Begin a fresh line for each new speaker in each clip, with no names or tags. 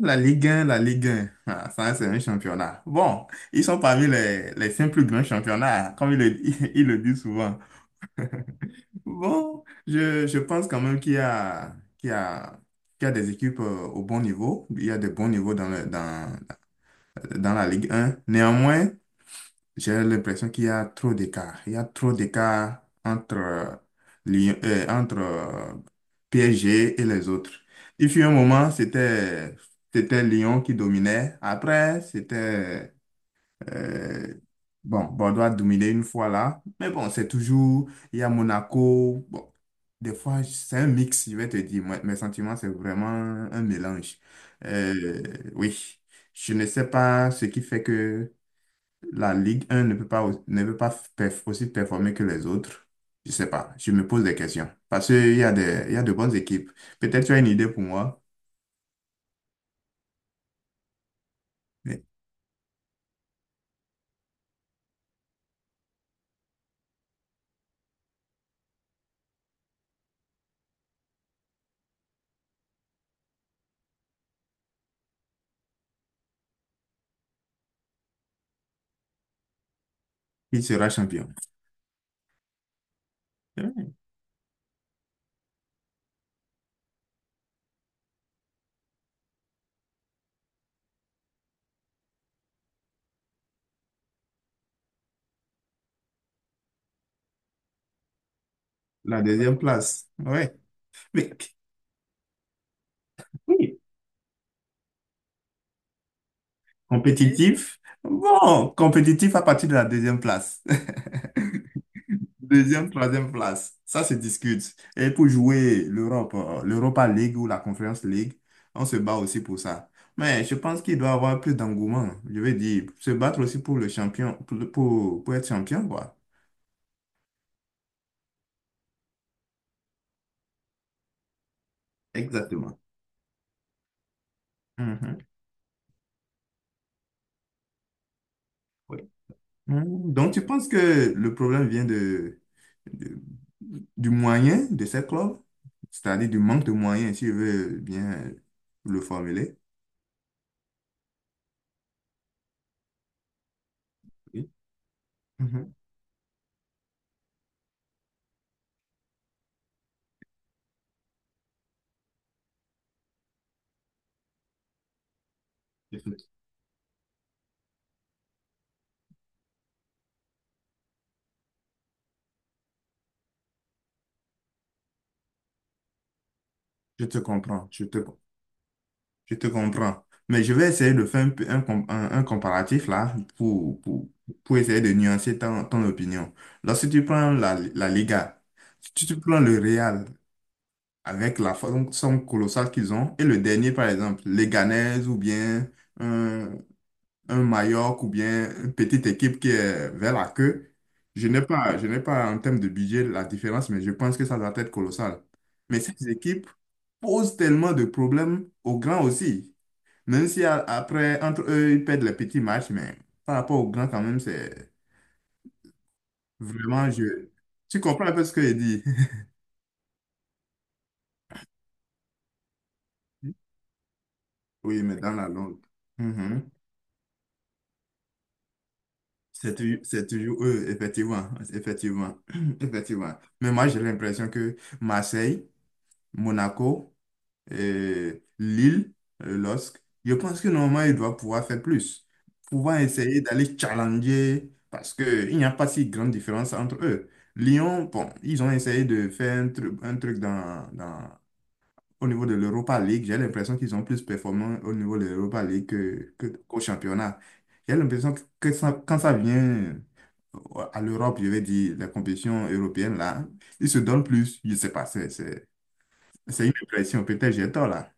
La Ligue 1, la Ligue 1, ah, ça c'est un championnat. Bon, ils sont parmi les cinq plus grands championnats, ils le disent souvent. Bon, je pense quand même qu'il y a, qu'il y a, qu'il y a des équipes au bon niveau. Il y a des bons niveaux dans la Ligue 1. Néanmoins, j'ai l'impression qu'il y a trop d'écart. Il y a trop d'écart entre PSG et les autres. Il fut un moment, c'était Lyon qui dominait. Après, euh, bon, Bordeaux a dominé une fois là. Mais bon, c'est toujours... Il y a Monaco. Bon, des fois, c'est un mix, je vais te dire. Moi, mes sentiments, c'est vraiment un mélange. Euh, oui, je ne sais pas ce qui fait que la Ligue 1 ne peut pas, ne peut pas aussi performer que les autres. Je sais pas. Je me pose des questions. Parce qu'il y a de bonnes équipes. Peut-être tu as une idée pour moi, mais qui sera champion? Hmm, la deuxième place. Ouais. Mais oui, compétitif. Bon, compétitif à partir de la deuxième place. Deuxième, troisième place, ça se discute. Et pour jouer l'Europe, l'Europa League ou la Conference League, on se bat aussi pour ça. Mais je pense qu'il doit y avoir plus d'engouement. Je veux dire, se battre aussi pour le champion, pour, pour être champion, quoi. Exactement. Mhm. Oui. Mhm. Donc, tu penses que le problème vient de- du moyen de ces clubs, c'est-à-dire du manque de moyens, si je veux bien le formuler. Oui. Mhm. Je te je te comprends, je te Je te comprends. Mais je vais essayer de faire un, peu- un, com- un comparatif là pour essayer de nuancer ton, ton opinion. Lorsque tu prends la Liga, si tu prends le Real avec la forme somme colossale qu'ils ont, et le dernier par exemple, Leganés ou bien un, un Mallorca ou bien une petite équipe qui est vers la queue, je n'ai pas en termes de budget la différence, mais je pense que ça doit être colossal. Mais ces équipes posent tellement de problèmes aux grands aussi. Même si après, entre eux, ils perdent les petits matchs, mais par rapport aux grands, quand même, c'est vraiment je. Tu comprends un peu ce que je dis? Oui, mais dans la langue. Mhm. C'est toujours eux, effectivement. Effectivement. Effectivement. Mais moi, j'ai l'impression que Marseille, Monaco, Lille, LOSC, je pense que normalement, il doit pouvoir faire plus, pouvoir essayer d'aller challenger, parce qu'il n'y a pas si grande différence entre eux. Lyon, bon, ils ont essayé de faire un truc au niveau de l'Europa League. J'ai l'impression qu'ils sont plus performants au niveau de l'Europa League qu'au championnat. J'ai l'impression que ça- quand ça vient à l'Europe, je vais dire, la compétition européenne, là, ils se donnent plus. Je sais pas, c'est une impression. Peut-être j'ai tort, là.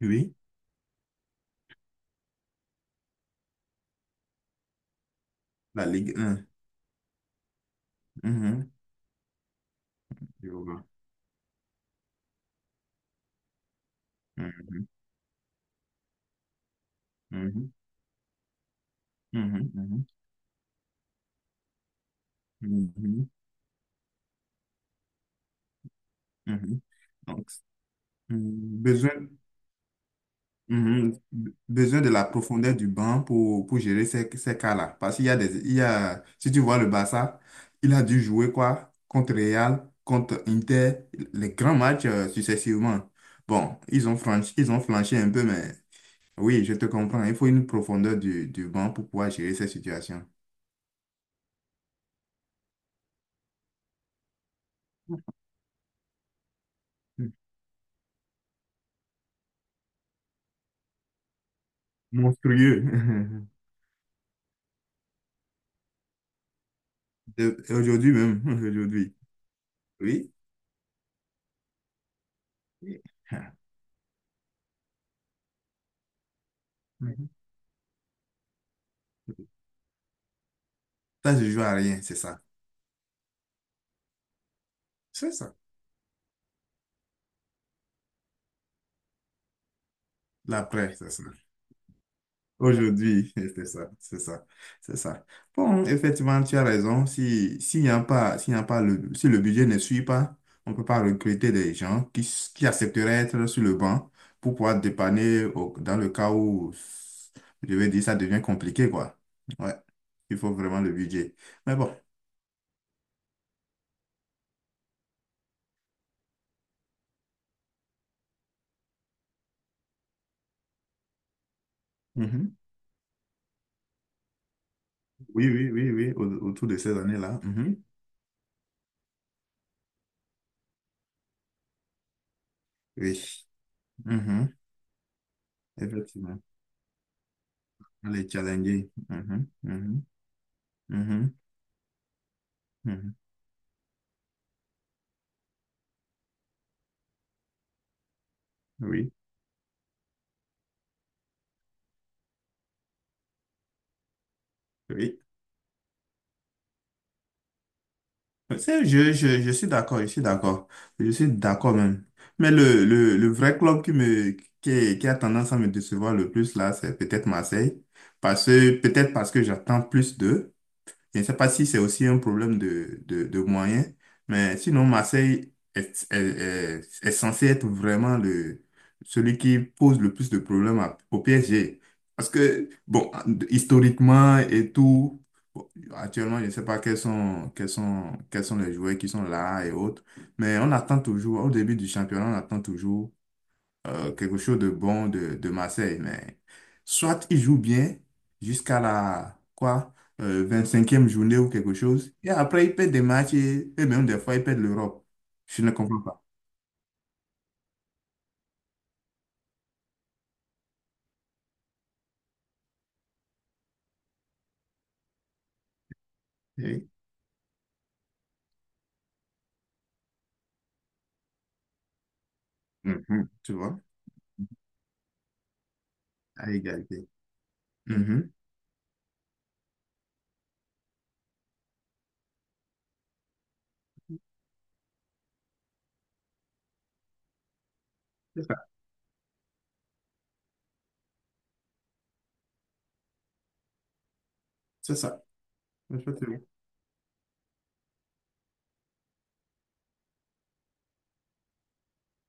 Oui. La Ligue un. Mhm. Je vois. Mhm. Mhm. Mhm. Mhm. Mhm. Mhm. Donc, mm, besoin, mhm. Besoin de la profondeur du banc pour gérer ces cas-là. Parce qu'il y a, si tu vois le Barça, il a dû jouer quoi? Contre Real, contre Inter, les grands matchs successivement. Bon, ils ont franchi, ils ont flanché un peu, mais oui, je te comprends. Il faut une profondeur du banc pour pouvoir gérer ces situations. Monstrueux. Aujourd'hui même, aujourd'hui. Oui. Oui. Ah. Mhm. Ça, je joue à rien, c'est ça. C'est ça. L'après, c'est ça. Aujourd'hui, c'est ça, c'est ça, c'est ça. Bon, effectivement, tu as raison. Si, s'il n'y a pas le, si le budget ne suit pas, on ne peut pas recruter des gens qui, qui accepteraient d'être sur le banc pour pouvoir dépanner dans le cas où, je vais dire, ça devient compliqué, quoi. Ouais. Il faut vraiment le budget. Mais bon. Mhm. Oui, oui, oui, oui, autour de ces années-là. Mhm. Oui. Mhm. Effectivement. Les challenger. Mhm. Mhm. Mhm. Mhm. Oui. Oui. C'est- je, je suis d'accord, je suis d'accord. Je suis d'accord même. Mais le vrai club qui a tendance à me décevoir le plus là, c'est peut-être Marseille. Parce que, peut-être parce que j'attends plus d'eux. Je ne sais pas si c'est aussi un problème de moyens, mais sinon, Marseille est censé être vraiment le, celui qui pose le plus de problèmes au PSG. Parce que, bon, historiquement et tout, bon, actuellement, je ne sais pas quels sont les joueurs qui sont là et autres, mais on attend toujours, au début du championnat, on attend toujours quelque chose de bon de Marseille. Mais soit il joue bien jusqu'à la quoi, 25e journée ou quelque chose, et après il perd des matchs et même des fois il perd l'Europe. Je ne comprends pas. Et- Mhm. Tu vois, à égalité. Mhm. C'est ça. Effectivement.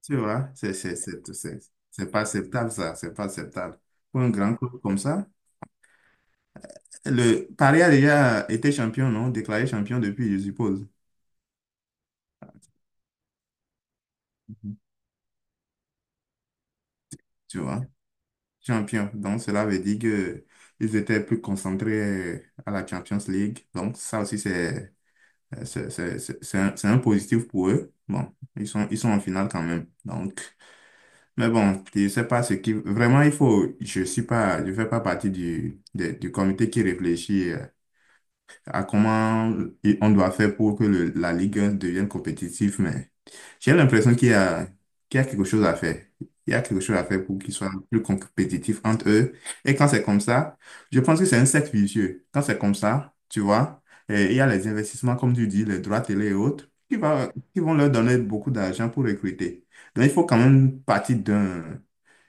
Tu vois, c'est pas acceptable ça, c'est pas acceptable. Pour un grand club comme ça, le Paris a déjà été champion, non? Déclaré champion depuis, je suppose. Tu vois. Champions. Donc, cela veut dire que ils étaient plus concentrés à la Champions League. Donc, ça aussi, c'est un positif pour eux. Bon, ils sont en finale quand même. Donc, mais bon, je sais pas ce qui... Vraiment, il faut... Je suis pas... Je fais pas partie du, du comité qui réfléchit à comment on doit faire pour que la Ligue 1 devienne compétitive, mais j'ai l'impression qu'il y a quelque chose à faire. Il y a quelque chose à faire pour qu'ils soient plus compétitifs entre eux. Et quand c'est comme ça, je pense que c'est un cercle vicieux. Quand c'est comme ça, tu vois, et il y a les investissements, comme tu dis, les droits télé et autres, qui vont leur donner beaucoup d'argent pour recruter. Donc, il faut quand même partir d'un...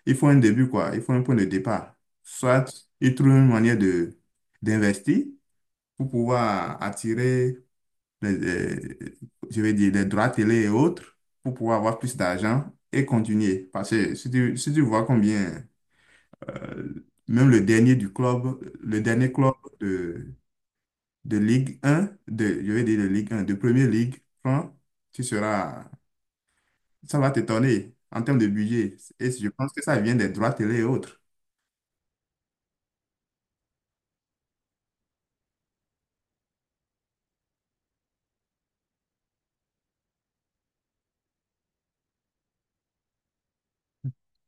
Il faut un début, quoi. Il faut un point de départ. Soit ils trouvent une manière de d'investir, pour pouvoir attirer les, je vais dire, les droits télé et autres, pour pouvoir avoir plus d'argent et continuer. Parce que si tu vois combien, euh, même le dernier du club, le dernier club de, de Ligue 1, je vais dire de Ligue 1, de Première Ligue, prend, tu seras, ça va t'étonner en termes de budget. Et je pense que ça vient des droits télé et autres.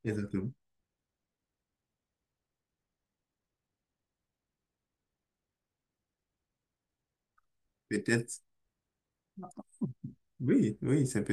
Exactement. Peut-être. Oui, oui, c'est